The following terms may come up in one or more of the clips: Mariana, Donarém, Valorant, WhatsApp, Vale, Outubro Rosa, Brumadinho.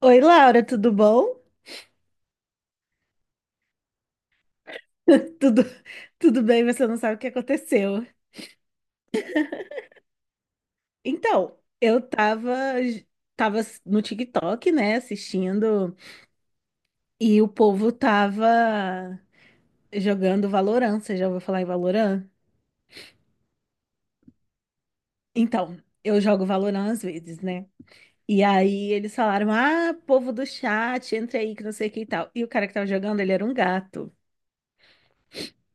Oi, Laura, tudo bom? Tudo, tudo bem, você não sabe o que aconteceu. Então, eu tava no TikTok, né, assistindo, e o povo tava jogando Valorant. Você já ouviu falar em Valorant? Então, eu jogo Valorant às vezes, né? E aí eles falaram: ah, povo do chat, entra aí que não sei o que e tal. E o cara que tava jogando, ele era um gato,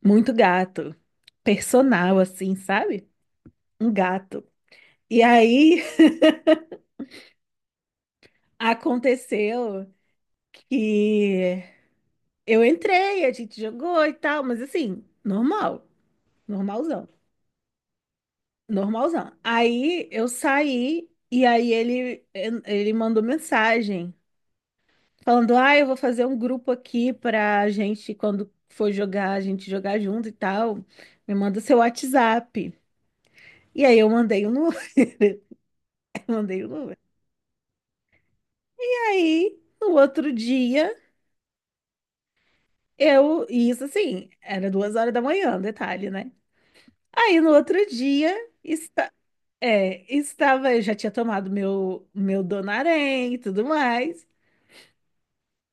muito gato, personal, assim, sabe? Um gato. E aí aconteceu. E eu entrei, a gente jogou e tal, mas assim, normal, normalzão, normalzão. Aí eu saí e aí ele mandou mensagem falando: "Ah, eu vou fazer um grupo aqui pra gente quando for jogar, a gente jogar junto e tal. Me manda seu WhatsApp". E aí eu mandei o número, eu mandei o número. Aí, no outro dia, eu, e isso assim, era duas horas da manhã, detalhe, né? Aí no outro dia, é, estava, eu já tinha tomado meu Donarém e tudo mais.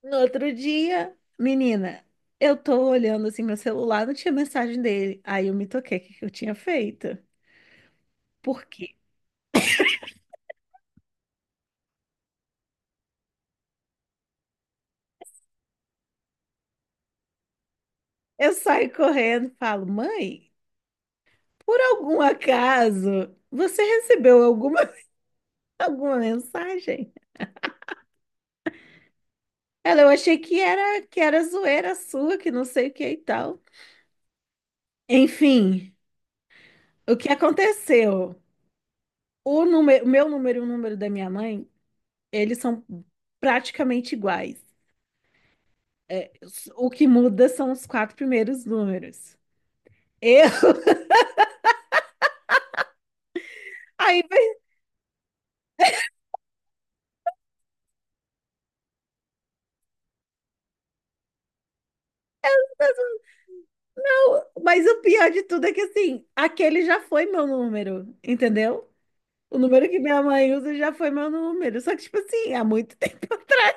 No outro dia, menina, eu tô olhando assim meu celular, não tinha mensagem dele. Aí eu me toquei, o que que eu tinha feito? Por quê? Eu saio correndo, e falo, mãe, por algum acaso, você recebeu alguma, alguma mensagem? Ela, eu achei que era zoeira sua, que não sei o que e tal. Enfim, o que aconteceu? O número, o meu número e o número da minha mãe, eles são praticamente iguais. É, o que muda são os quatro primeiros números. Eu. Aí, mas, não, mas o pior de tudo é que, assim, aquele já foi meu número, entendeu? O número que minha mãe usa já foi meu número. Só que, tipo assim, há muito tempo atrás.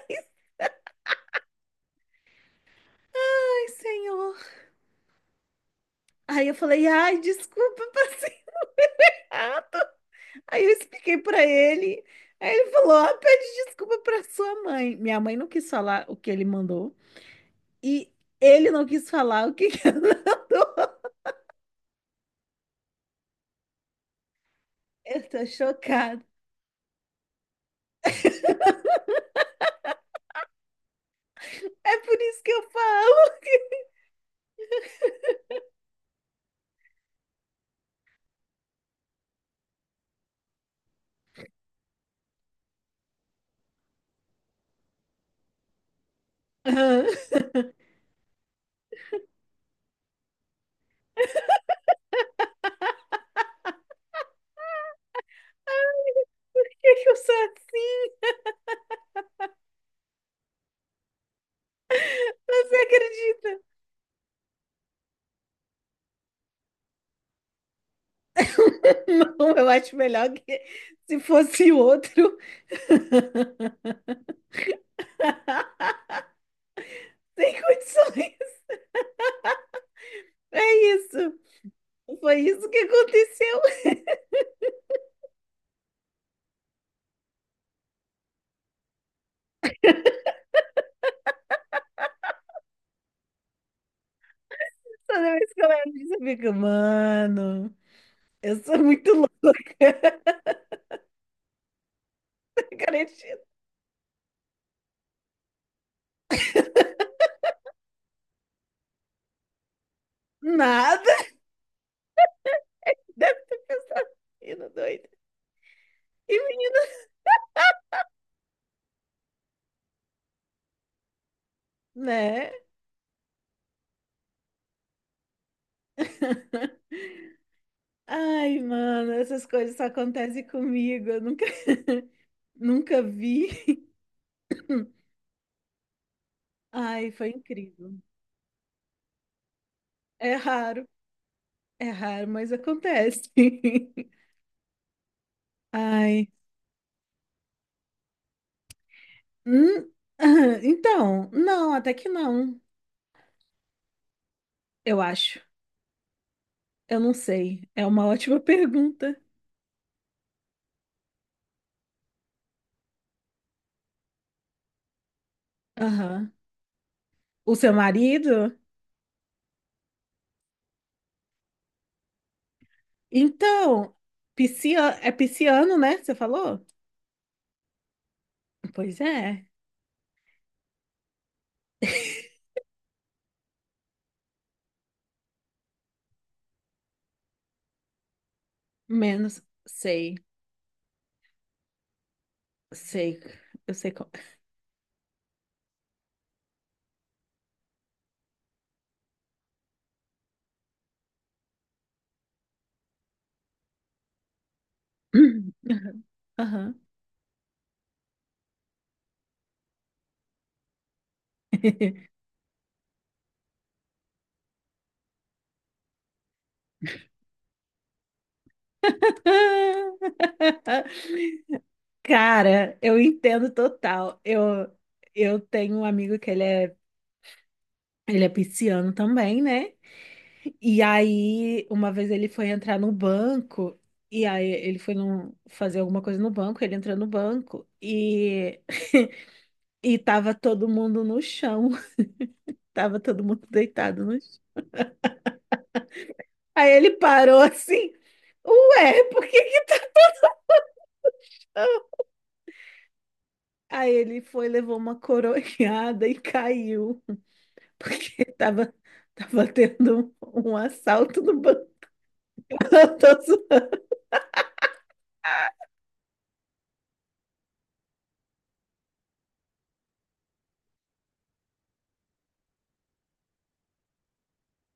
Ai, senhor. Aí eu falei, ai, desculpa, passei errado. Aí eu expliquei pra ele. Aí ele falou, ah, pede desculpa pra sua mãe. Minha mãe não quis falar o que ele mandou. E ele não quis falar o que que eu não dou. Eu tô chocada. É por isso que eu falo. Aham. Ai, por que que eu sou assim? Você acredita? Não, eu acho melhor que se fosse outro. Sem condições. É isso. Foi isso que aconteceu. Toda vez que eu lembro disso, eu fico, mano, eu sou muito louca. Garantido. Nada. Deve ter pensado. Menino doido. E menina, né? Ai, mano, essas coisas só acontecem comigo. Eu nunca, nunca vi. Ai, foi incrível. É raro, é raro, mas acontece. Ai. Hum, ah, então, não, até que não. Eu acho. Eu não sei. É uma ótima pergunta. Aham. O seu marido? Então, é pisciano, né? Você falou? Pois é. Menos, sei, eu sei qual. Aham. Cara, eu entendo total. Eu tenho um amigo que ele é pisciano também, né? E aí, uma vez ele foi entrar no banco, e aí ele foi fazer alguma coisa no banco, ele entrou no banco e, e tava todo mundo no chão. Tava todo mundo deitado no chão. Aí ele parou assim. Ué, por que que... eu-" Aí ele foi, levou uma coronhada e caiu. Porque tava, tava tendo um assalto no banco. Eu tô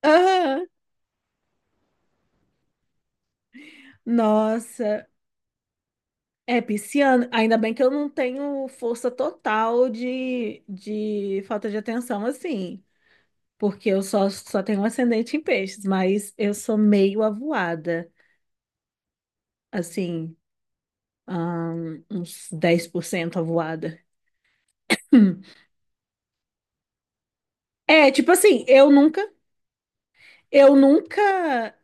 ah, nossa. É pisciano. Ainda bem que eu não tenho força total de falta de atenção assim. Porque eu só tenho um ascendente em peixes. Mas eu sou meio avoada. Assim, uns 10% avoada. Hum. É, tipo assim, eu nunca,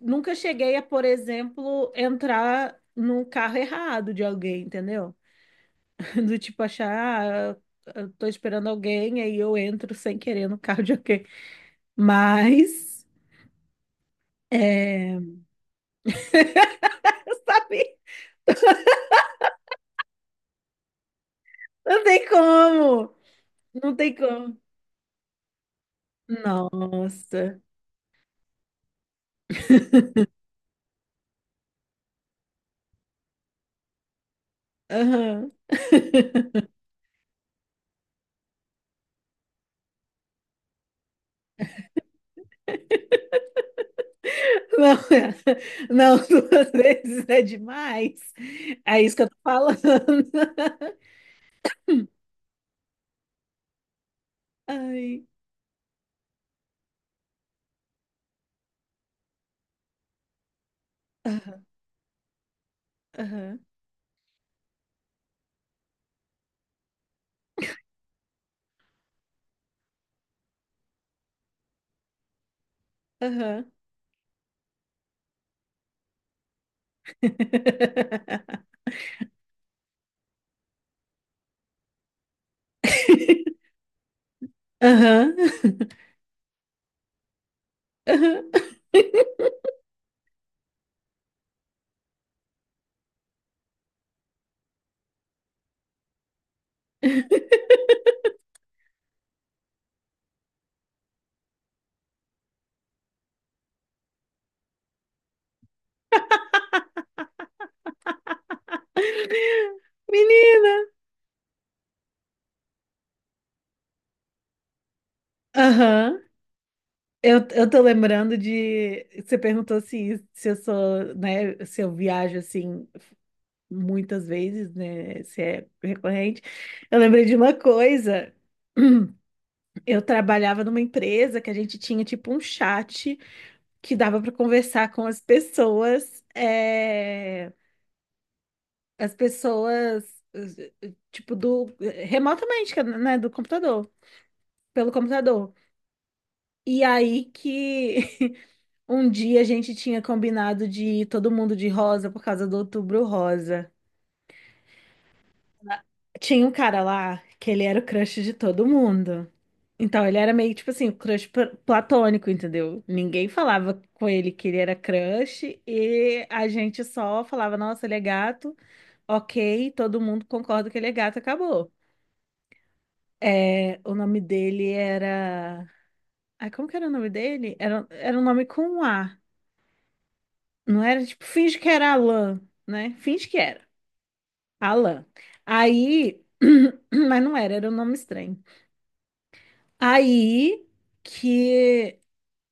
nunca cheguei a, por exemplo, entrar no carro errado de alguém, entendeu? Do tipo achar, ah, eu tô esperando alguém, aí eu entro sem querer no carro de alguém. Mas, é... sabe? Não tem como, não tem como. Nossa. Aham. Não, não, duas vezes é demais. É isso que eu tô falando. Ai. Aham, aham, aham. Aham, aham. Menina! Aham. Eu tô lembrando de. Você perguntou se eu sou, né? Se eu viajo assim muitas vezes, né? Se é recorrente. Eu lembrei de uma coisa. Eu trabalhava numa empresa que a gente tinha tipo um chat que dava para conversar com as pessoas, as pessoas tipo do remotamente, que é, né, do computador, pelo computador. E aí que um dia a gente tinha combinado de ir todo mundo de rosa por causa do Outubro Rosa. Tinha um cara lá que ele era o crush de todo mundo. Então ele era meio tipo assim, o crush platônico, entendeu? Ninguém falava com ele que ele era crush e a gente só falava, nossa, ele é gato, ok, todo mundo concorda que ele é gato, acabou. É, o nome dele era. Ai, como que era o nome dele? Era um nome com um A. Não era tipo, finge que era Alan, né? Finge que era. Alan. Aí. Mas não era, era um nome estranho. Aí que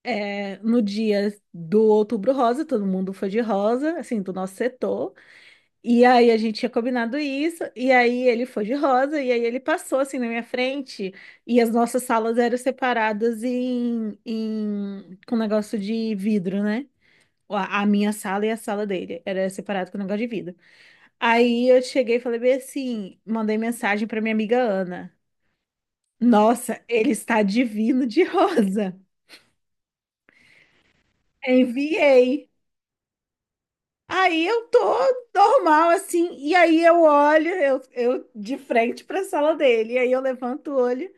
é, no dia do Outubro Rosa, todo mundo foi de rosa, assim, do nosso setor. E aí a gente tinha combinado isso, e aí ele foi de rosa, e aí ele passou assim na minha frente, e as nossas salas eram separadas com um negócio de vidro, né? A minha sala e a sala dele era separado com um negócio de vidro. Aí eu cheguei e falei bem assim, mandei mensagem para minha amiga Ana. Nossa, ele está divino de rosa. Enviei. Aí eu tô normal, assim, e aí eu olho, eu de frente pra sala dele, e aí eu levanto o olho,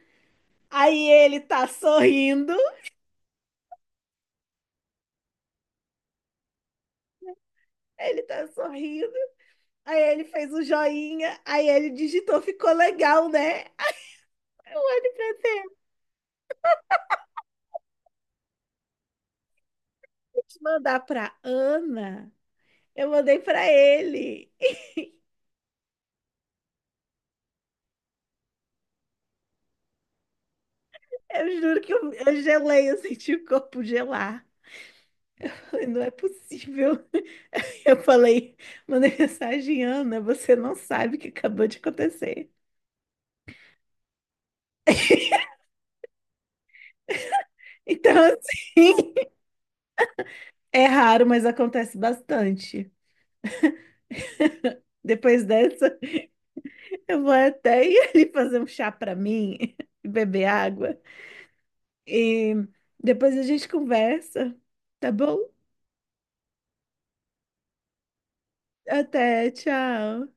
aí ele tá sorrindo, aí ele fez o joinha, aí ele digitou, ficou legal, né? Aí eu olho pra dele, mandar pra Ana, eu mandei pra ele, eu juro que eu gelei, eu senti o corpo gelar, falei, não é possível. Eu falei, mandei mensagem, Ana, você não sabe o que acabou de acontecer. Então, assim, é raro, mas acontece bastante. Depois dessa, eu vou até ir ali fazer um chá pra mim, e beber água. E depois a gente conversa, tá bom? Até, tchau.